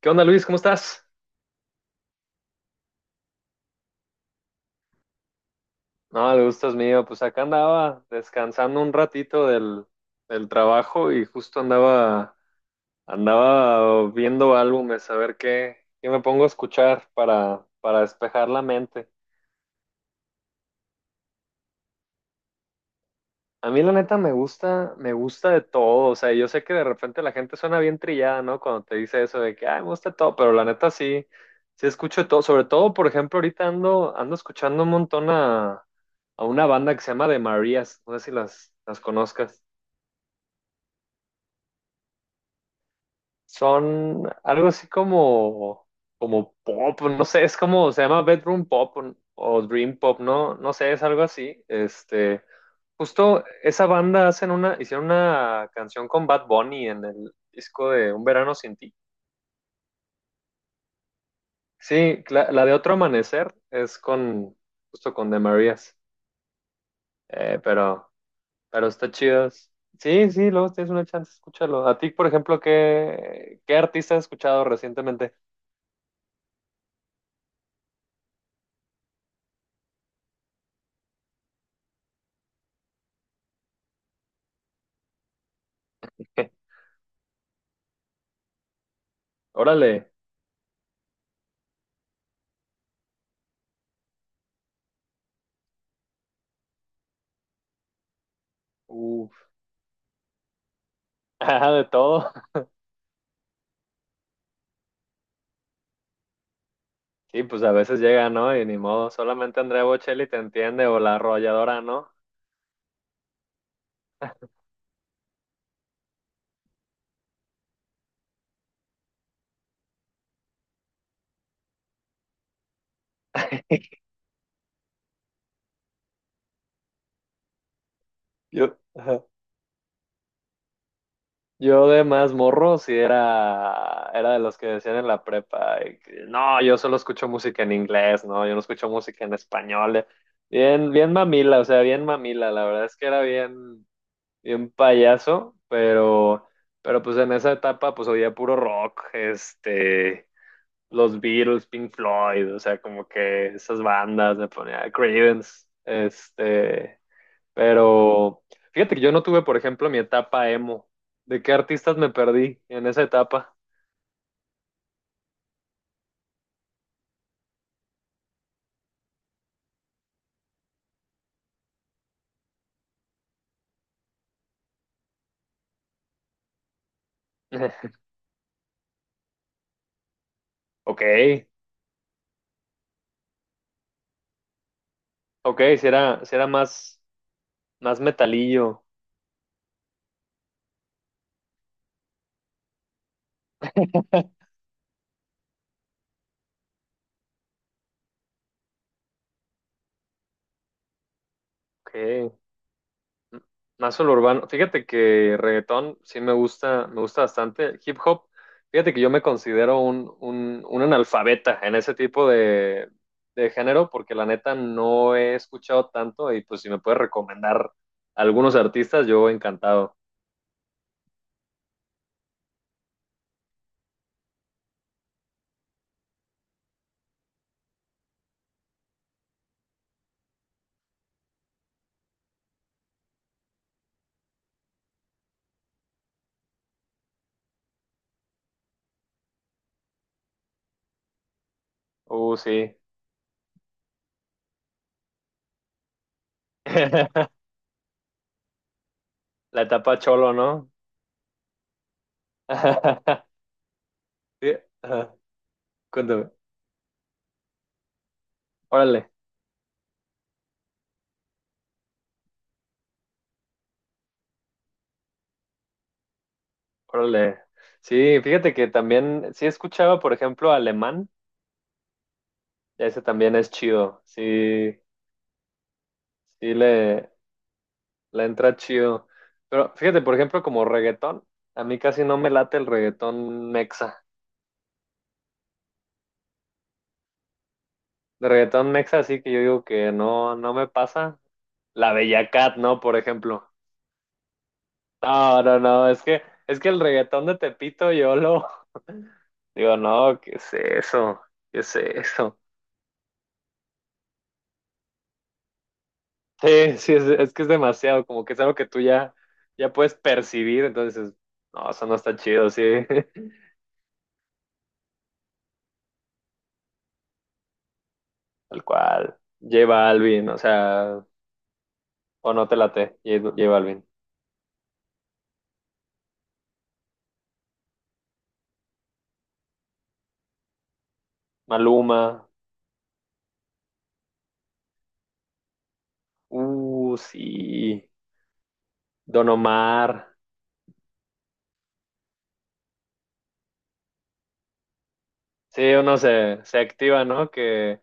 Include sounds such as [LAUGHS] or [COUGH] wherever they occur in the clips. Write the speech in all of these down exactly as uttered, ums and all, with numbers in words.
¿Qué onda, Luis? ¿Cómo estás? No, el gusto es mío. Pues acá andaba descansando un ratito del, del trabajo y justo andaba, andaba viendo álbumes, a ver qué, qué me pongo a escuchar para, para despejar la mente. A mí la neta me gusta, me gusta de todo, o sea, yo sé que de repente la gente suena bien trillada, ¿no? Cuando te dice eso de que, ay, me gusta de todo, pero la neta sí, sí escucho de todo, sobre todo, por ejemplo, ahorita ando, ando escuchando un montón a, a una banda que se llama The Marías, no sé si las, las conozcas, son algo así como, como pop, no sé, es como, se llama Bedroom Pop o, o Dream Pop, no, no sé, es algo así, este... Justo esa banda hacen una, hicieron una canción con Bad Bunny en el disco de Un Verano Sin Ti. Sí, la, la de Otro Amanecer es con, justo con De Marías. Eh, pero, pero está chido. Sí, sí, luego tienes una chance, escúchalo. A ti, por ejemplo, ¿qué, qué artista has escuchado recientemente? [LAUGHS] Órale, uff. [LAUGHS] Ah, de todo. Sí, pues a veces llega, ¿no? Y ni modo, solamente Andrea Bocelli te entiende o la arrolladora, ¿no? Yo, ajá. Yo de más morro sí era, era de los que decían en la prepa, eh, que, no, yo solo escucho música en inglés, no, yo no escucho música en español. eh". Bien, bien mamila, o sea, bien mamila, la verdad es que era bien, bien payaso, pero, pero pues en esa etapa pues oía puro rock, este, los Beatles, Pink Floyd, o sea, como que esas bandas, me ponía Creedence, este, pero fíjate que yo no tuve, por ejemplo, mi etapa emo. ¿De qué artistas me perdí en esa etapa? [LAUGHS] Ok, ok, si era, si era más, más metalillo, ok. Más el urbano. Fíjate que reggaetón sí me gusta, me gusta bastante. Hip hop, fíjate que yo me considero un, un, un analfabeta en ese tipo de, de género, porque la neta no he escuchado tanto y pues si me puedes recomendar algunos artistas, yo encantado. Uh, sí. [LAUGHS] La etapa cholo, ¿no? [LAUGHS] Sí, ajá, cuéntame. Órale, órale. Sí, fíjate que también, sí escuchaba, por ejemplo, alemán, ese también es chido. Sí, sí, le, le entra chido. Pero fíjate, por ejemplo, como reggaetón, a mí casi no me late el reggaetón mexa. De reggaetón mexa, sí que yo digo que no, no me pasa. La Bella Cat, ¿no? Por ejemplo. No, no, no, es que, es que el reggaetón de Tepito yo lo... [LAUGHS] Digo, no, ¿qué es eso? ¿Qué es eso? Sí, sí, es, es que es demasiado, como que es algo que tú ya, ya puedes percibir, entonces, no, eso no está chido, sí. [LAUGHS] Tal cual. Lleva Alvin, o sea... O no te late, J J Balvin. Maluma. Uh, sí. Don Omar. Sí, uno se, se activa, ¿no? Que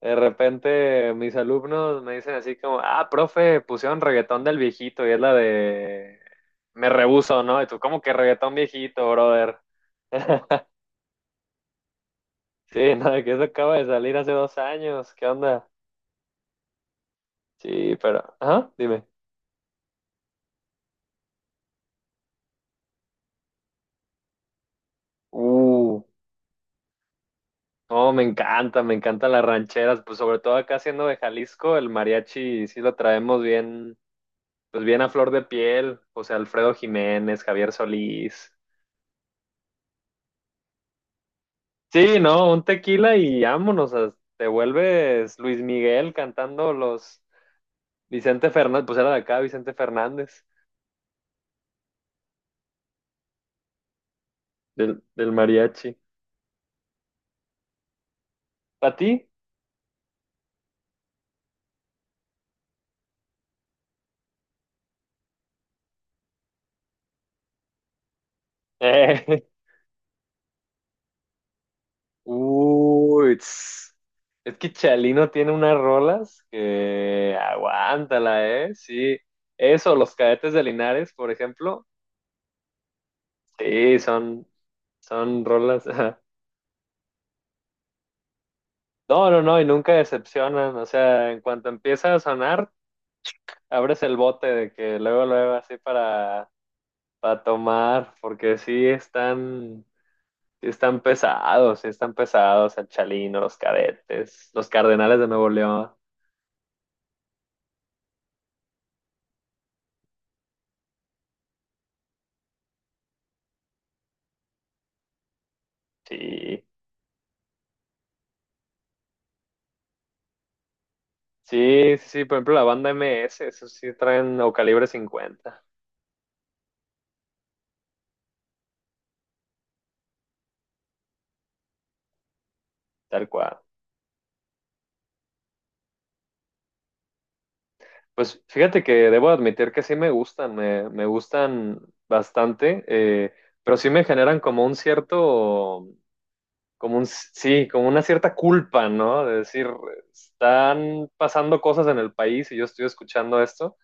de repente mis alumnos me dicen así como, ah, profe, pusieron reggaetón del viejito y es la de Me Rehuso, ¿no? Y tú, ¿cómo que reggaetón viejito, brother? [LAUGHS] Sí, no, que eso acaba de salir hace dos años. ¿Qué onda? Sí, pero, ajá, dime. Uh. No, me encanta, me encantan las rancheras, pues sobre todo acá siendo de Jalisco, el mariachi sí lo traemos bien, pues bien a flor de piel, o sea, Alfredo Jiménez, Javier Solís. Sí, no, un tequila y vámonos, as- te vuelves Luis Miguel cantando los Vicente Fernández, pues era de acá Vicente Fernández, del, del mariachi. ¿Para ti? [LAUGHS] Uy, tss. Es que Chalino tiene unas rolas que aguántala, ¿eh? Sí, eso, los Cadetes de Linares, por ejemplo, sí, son, son rolas. [LAUGHS] No, no, no, y nunca decepcionan, o sea, en cuanto empieza a sonar, abres el bote de que luego, luego, así para, para tomar, porque sí están, sí están pesados, sí están pesados, el Chalino, los Cadetes, los Cardenales de Nuevo León, sí. Sí, sí, sí, por ejemplo, la banda M S eso sí traen, o Calibre cincuenta, tal cual. Pues fíjate que debo admitir que sí me gustan, me, me gustan bastante, eh, pero sí me generan como un cierto, como un, sí, como una cierta culpa, ¿no? De decir, están pasando cosas en el país y yo estoy escuchando esto,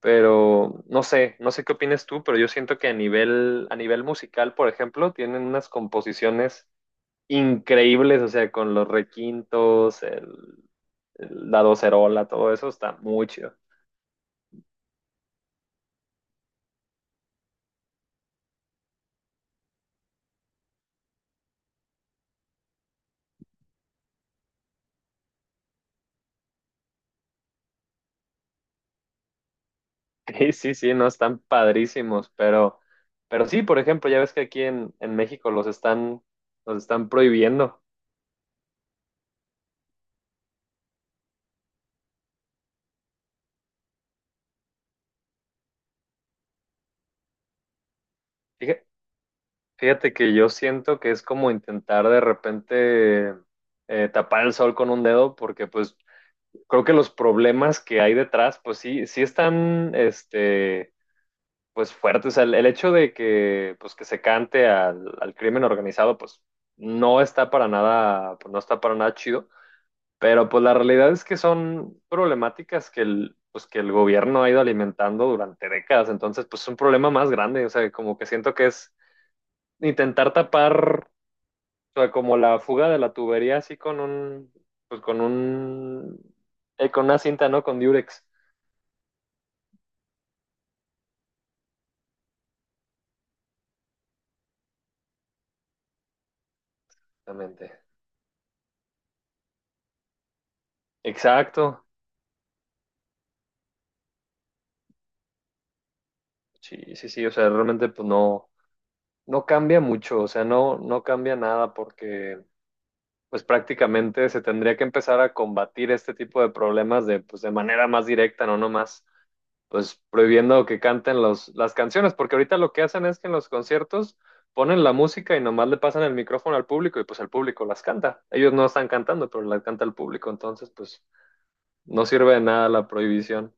pero no sé, no sé qué opinas tú, pero yo siento que a nivel, a nivel musical, por ejemplo, tienen unas composiciones increíbles, o sea, con los requintos, el, el- la docerola, todo eso está muy chido. [LAUGHS] Sí, sí, sí, no, están padrísimos, pero, pero sí, por ejemplo, ya ves que aquí en, en México los están, los están prohibiendo. Fíjate, fíjate que yo siento que es como intentar de repente eh, tapar el sol con un dedo, porque pues creo que los problemas que hay detrás, pues sí, sí están, este pues fuerte. O sea, el, el hecho de que, pues, que se cante al, al crimen organizado, pues no está para nada, pues, no está para nada chido. Pero pues la realidad es que son problemáticas que el, pues, que el gobierno ha ido alimentando durante décadas. Entonces, pues es un problema más grande. O sea, como que siento que es intentar tapar, o sea, como la fuga de la tubería así con un, pues con un, eh, con una cinta, ¿no? Con Durex. Exactamente. Exacto. Sí, sí, sí. O sea, realmente pues no, No cambia mucho, o sea, no, no cambia nada porque pues prácticamente se tendría que empezar a combatir este tipo de problemas de, pues, de manera más directa, no nomás, pues prohibiendo que canten los, las canciones, porque ahorita lo que hacen es que en los conciertos ponen la música y nomás le pasan el micrófono al público y pues el público las canta. Ellos no están cantando, pero las canta el público, entonces pues no sirve de nada la prohibición.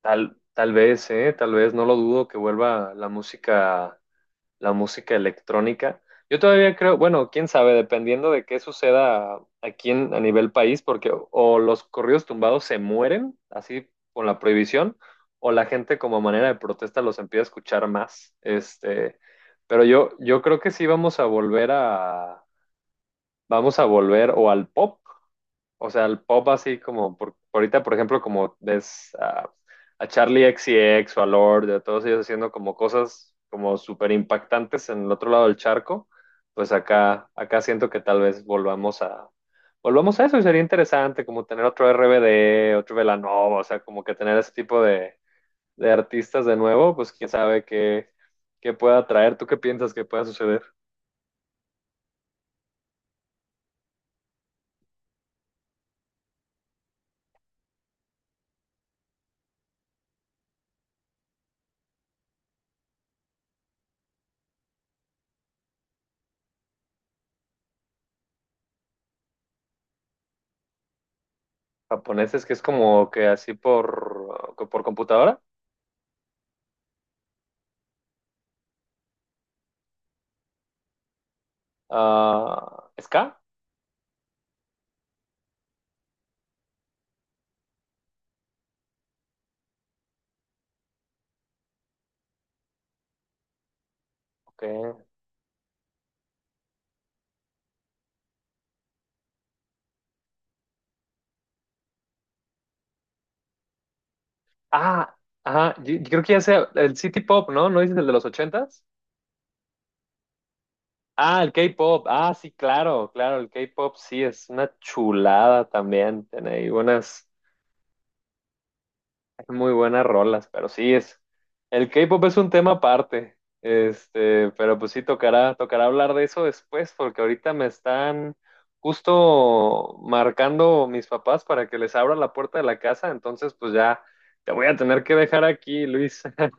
Tal, tal vez, eh, tal vez, no lo dudo que vuelva la música la música electrónica. Yo todavía creo, bueno, quién sabe, dependiendo de qué suceda aquí en- a nivel país, porque o o los corridos tumbados se mueren, así con la prohibición, o la gente como manera de protesta los empieza a escuchar más. Este, pero yo, yo creo que sí vamos a volver a, vamos a volver o al pop, o sea, el pop así como, por, por ahorita, por ejemplo, como ves a, a Charlie X C X o a Lord, a todos ellos haciendo como cosas como súper impactantes en el otro lado del charco, pues acá, acá siento que tal vez volvamos a, volvamos a eso, y sería interesante como tener otro R B D, otro Velanova, o sea, como que tener ese tipo de, de artistas de nuevo, pues quién sabe qué, qué pueda traer. ¿Tú qué piensas que pueda suceder? ¿Japoneses que es como que así por, por computadora? Ah, ¿ska? Ok. Ah, ajá, yo, yo creo que ya sea el City Pop, ¿no? ¿No dices el de los ochentas? Ah, el K pop. Ah, sí, claro, claro, el K pop sí es una chulada también. Tiene ahí buenas. Hay Muy buenas rolas, pero sí es. El K-pop es un tema aparte. Este, pero pues sí tocará, tocará hablar de eso después, porque ahorita me están justo marcando mis papás para que les abra la puerta de la casa. Entonces, pues ya te voy a tener que dejar aquí, Luis. [LAUGHS]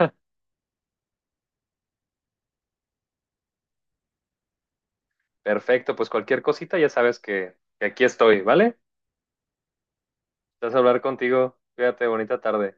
Perfecto, pues cualquier cosita ya sabes que, que aquí estoy, ¿vale? Estás a hablar contigo. Cuídate, bonita tarde.